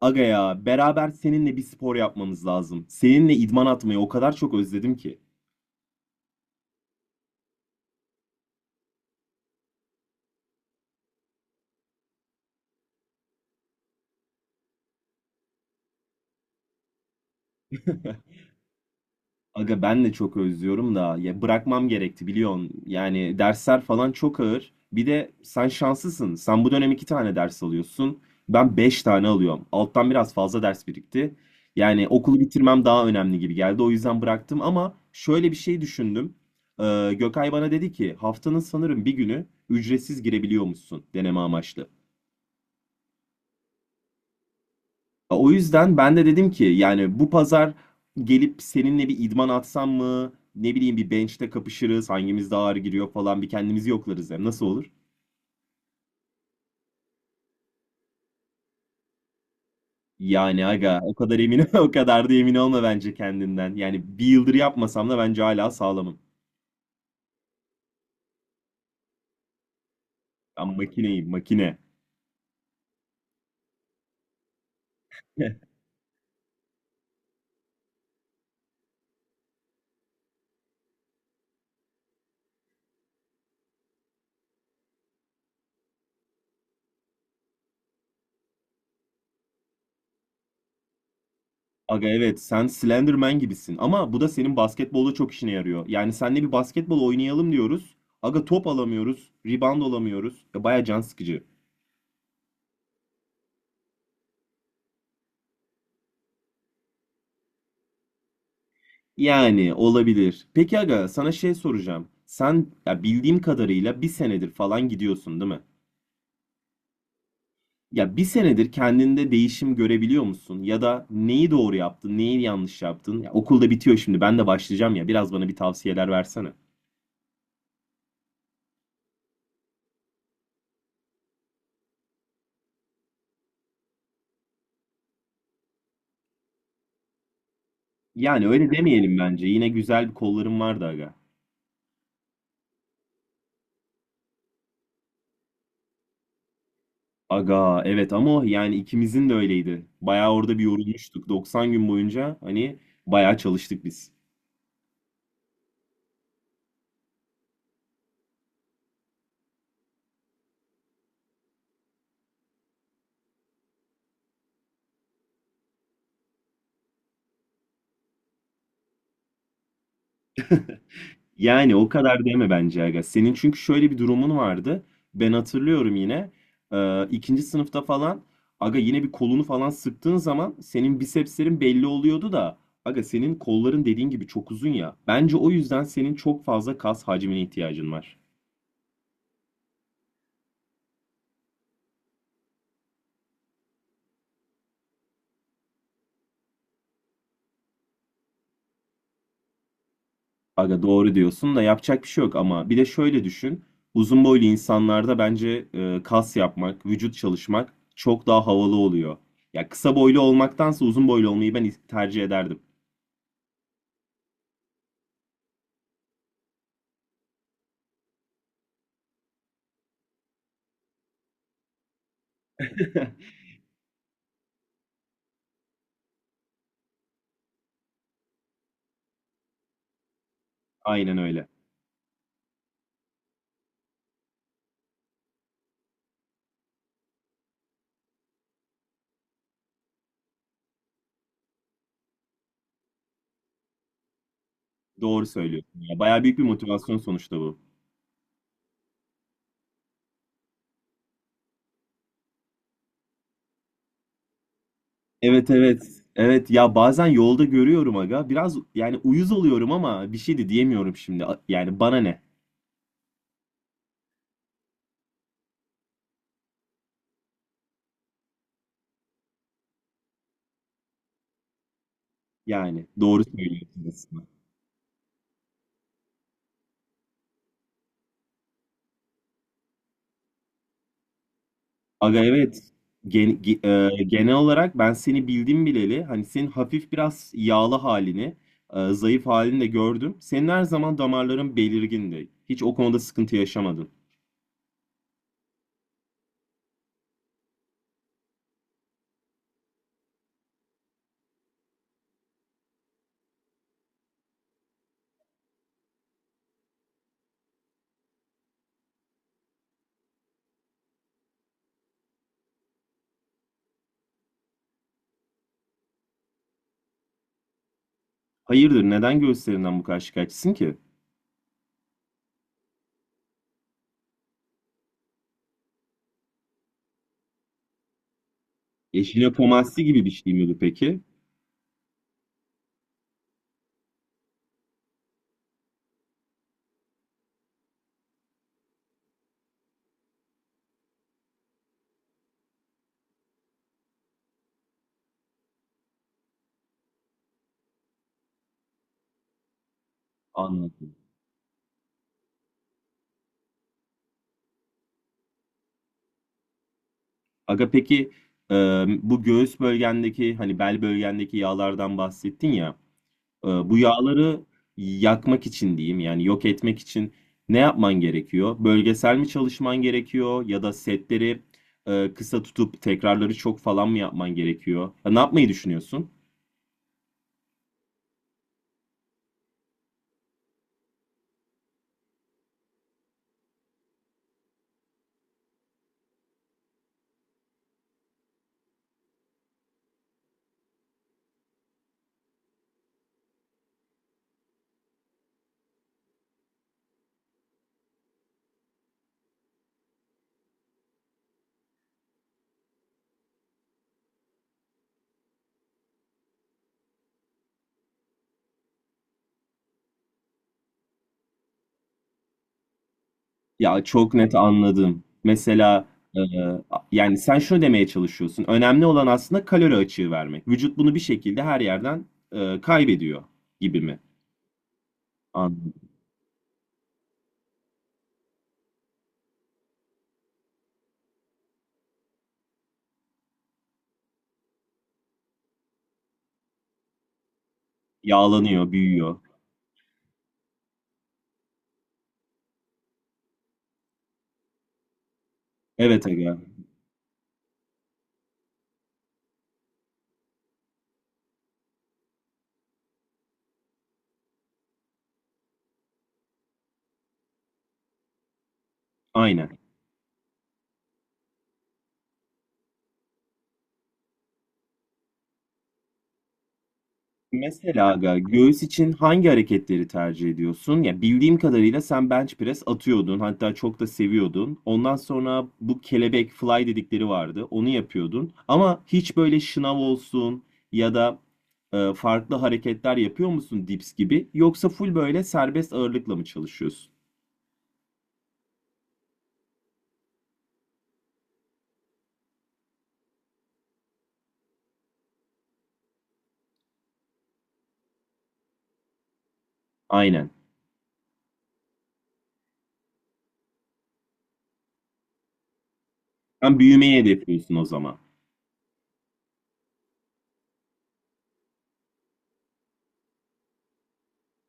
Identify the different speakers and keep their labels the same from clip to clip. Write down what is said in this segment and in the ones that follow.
Speaker 1: Aga ya beraber seninle bir spor yapmamız lazım. Seninle idman atmayı o kadar çok özledim ki. Aga ben de çok özlüyorum da ya bırakmam gerekti biliyorsun. Yani dersler falan çok ağır. Bir de sen şanslısın. Sen bu dönem iki tane ders alıyorsun. Ben beş tane alıyorum. Alttan biraz fazla ders birikti. Yani okulu bitirmem daha önemli gibi geldi. O yüzden bıraktım ama şöyle bir şey düşündüm. Gökay bana dedi ki haftanın sanırım bir günü ücretsiz girebiliyormuşsun deneme amaçlı. O yüzden ben de dedim ki yani bu pazar gelip seninle bir idman atsam mı? Ne bileyim bir bench'te kapışırız. Hangimiz daha ağır giriyor falan bir kendimizi yoklarız hem. Nasıl olur? Yani aga o kadar emin o kadar da emin olma bence kendinden. Yani bir yıldır yapmasam da bence hala sağlamım. Ben makineyim makine. Aga evet, sen Slenderman gibisin ama bu da senin basketbolda çok işine yarıyor. Yani seninle bir basketbol oynayalım diyoruz. Aga top alamıyoruz, rebound alamıyoruz. Ya baya can sıkıcı. Yani olabilir. Peki aga sana şey soracağım. Sen ya bildiğim kadarıyla bir senedir falan gidiyorsun değil mi? Ya bir senedir kendinde değişim görebiliyor musun? Ya da neyi doğru yaptın, neyi yanlış yaptın? Ya okul da bitiyor şimdi ben de başlayacağım ya biraz bana bir tavsiyeler versene. Yani öyle demeyelim bence. Yine güzel bir kollarım vardı aga. Aga evet, ama o yani ikimizin de öyleydi. Bayağı orada bir yorulmuştuk. 90 gün boyunca hani bayağı çalıştık biz. Yani o kadar deme bence aga. Senin çünkü şöyle bir durumun vardı. Ben hatırlıyorum yine. İkinci sınıfta falan aga yine bir kolunu falan sıktığın zaman senin bisepslerin belli oluyordu da aga senin kolların dediğin gibi çok uzun ya. Bence o yüzden senin çok fazla kas hacmine ihtiyacın var. Aga doğru diyorsun da yapacak bir şey yok ama bir de şöyle düşün. Uzun boylu insanlarda bence kas yapmak, vücut çalışmak çok daha havalı oluyor. Ya kısa boylu olmaktansa uzun boylu olmayı ben tercih ederdim. Aynen öyle. Doğru söylüyorsun. Ya bayağı büyük bir motivasyon sonuçta bu. Evet, evet. Evet ya bazen yolda görüyorum aga. Biraz yani uyuz oluyorum ama bir şey de diyemiyorum şimdi. Yani bana ne? Yani doğru söylüyorsun aslında. Aga evet. Gen- ge- Genel olarak ben seni bildim bileli. Hani senin hafif biraz yağlı halini, zayıf halini de gördüm. Senin her zaman damarların belirgindi. Hiç o konuda sıkıntı yaşamadın. Hayırdır, neden göğüslerinden bu kadar şikayetçisin ki? Jinekomasti gibi bir şey miydi peki? Anladım. Aga peki e, bu göğüs bölgendeki hani bel bölgendeki yağlardan bahsettin ya, bu yağları yakmak için diyeyim yani yok etmek için ne yapman gerekiyor? Bölgesel mi çalışman gerekiyor ya da setleri kısa tutup tekrarları çok falan mı yapman gerekiyor? Ya ne yapmayı düşünüyorsun? Ya çok net anladım. Mesela e, yani sen şunu demeye çalışıyorsun. Önemli olan aslında kalori açığı vermek. Vücut bunu bir şekilde her yerden kaybediyor gibi mi? Anladım. Yağlanıyor, büyüyor. Evet aga, aynen. Mesela aga, göğüs için hangi hareketleri tercih ediyorsun? Ya bildiğim kadarıyla sen bench press atıyordun, hatta çok da seviyordun. Ondan sonra bu kelebek fly dedikleri vardı, onu yapıyordun. Ama hiç böyle şınav olsun ya da farklı hareketler yapıyor musun, dips gibi? Yoksa full böyle serbest ağırlıkla mı çalışıyorsun? Aynen. Sen büyümeyi hedefliyorsun o zaman.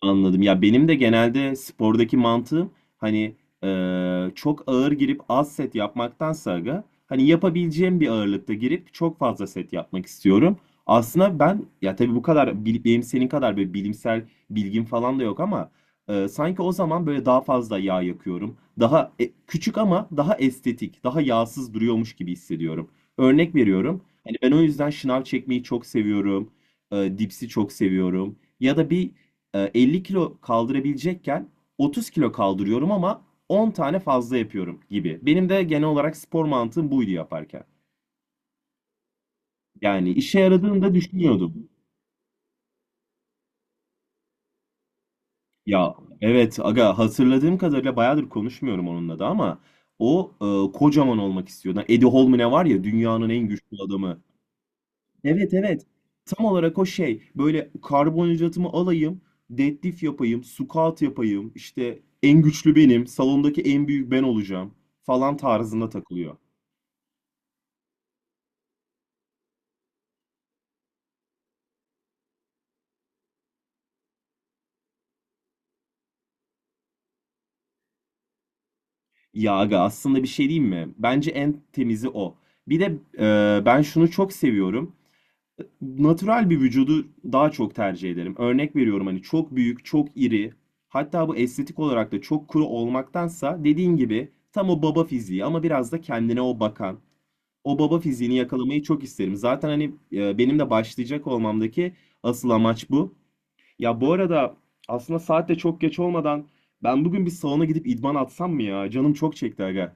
Speaker 1: Anladım. Ya benim de genelde spordaki mantığım hani çok ağır girip az set yapmaktansa aga, hani yapabileceğim bir ağırlıkta girip çok fazla set yapmak istiyorum. Aslında ben ya tabii bu kadar benim senin kadar böyle bilimsel bilgim falan da yok ama sanki o zaman böyle daha fazla yağ yakıyorum. Daha küçük ama daha estetik, daha yağsız duruyormuş gibi hissediyorum. Örnek veriyorum. Hani ben o yüzden şınav çekmeyi çok seviyorum. Dipsi çok seviyorum. Ya da bir 50 kilo kaldırabilecekken 30 kilo kaldırıyorum ama 10 tane fazla yapıyorum gibi. Benim de genel olarak spor mantığım buydu yaparken. Yani işe yaradığını da düşünüyordum. Ya evet aga, hatırladığım kadarıyla bayağıdır konuşmuyorum onunla da ama o kocaman olmak istiyordu. Hani Eddie Hall mı ne var ya, dünyanın en güçlü adamı. Evet, evet. Tam olarak o şey. Böyle karbonhidratımı alayım, deadlift yapayım, squat yapayım. İşte en güçlü benim, salondaki en büyük ben olacağım falan tarzında takılıyor. Ya aga aslında bir şey diyeyim mi? Bence en temizi o. Bir de ben şunu çok seviyorum. Natural bir vücudu daha çok tercih ederim. Örnek veriyorum, hani çok büyük, çok iri, hatta bu estetik olarak da çok kuru olmaktansa dediğin gibi tam o baba fiziği ama biraz da kendine o bakan o baba fiziğini yakalamayı çok isterim. Zaten hani benim de başlayacak olmamdaki asıl amaç bu. Ya bu arada aslında saat de çok geç olmadan ben bugün bir salona gidip idman atsam mı ya? Canım çok çekti aga.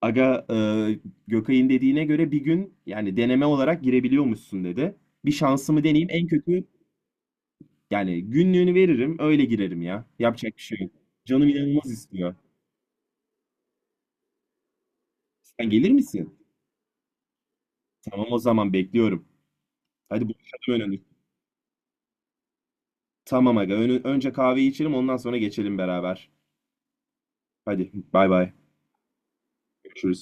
Speaker 1: Aga e, Gökay'ın dediğine göre bir gün yani deneme olarak girebiliyormuşsun dedi. Bir şansımı deneyeyim, en kötü yani günlüğünü veririm öyle girerim ya. Yapacak bir şey yok. Canım inanılmaz istiyor. Sen gelir misin? Tamam o zaman, bekliyorum. Hadi buluşalım önünde. Tamam aga. Önce kahveyi içelim ondan sonra geçelim beraber. Hadi bay bay. Görüşürüz.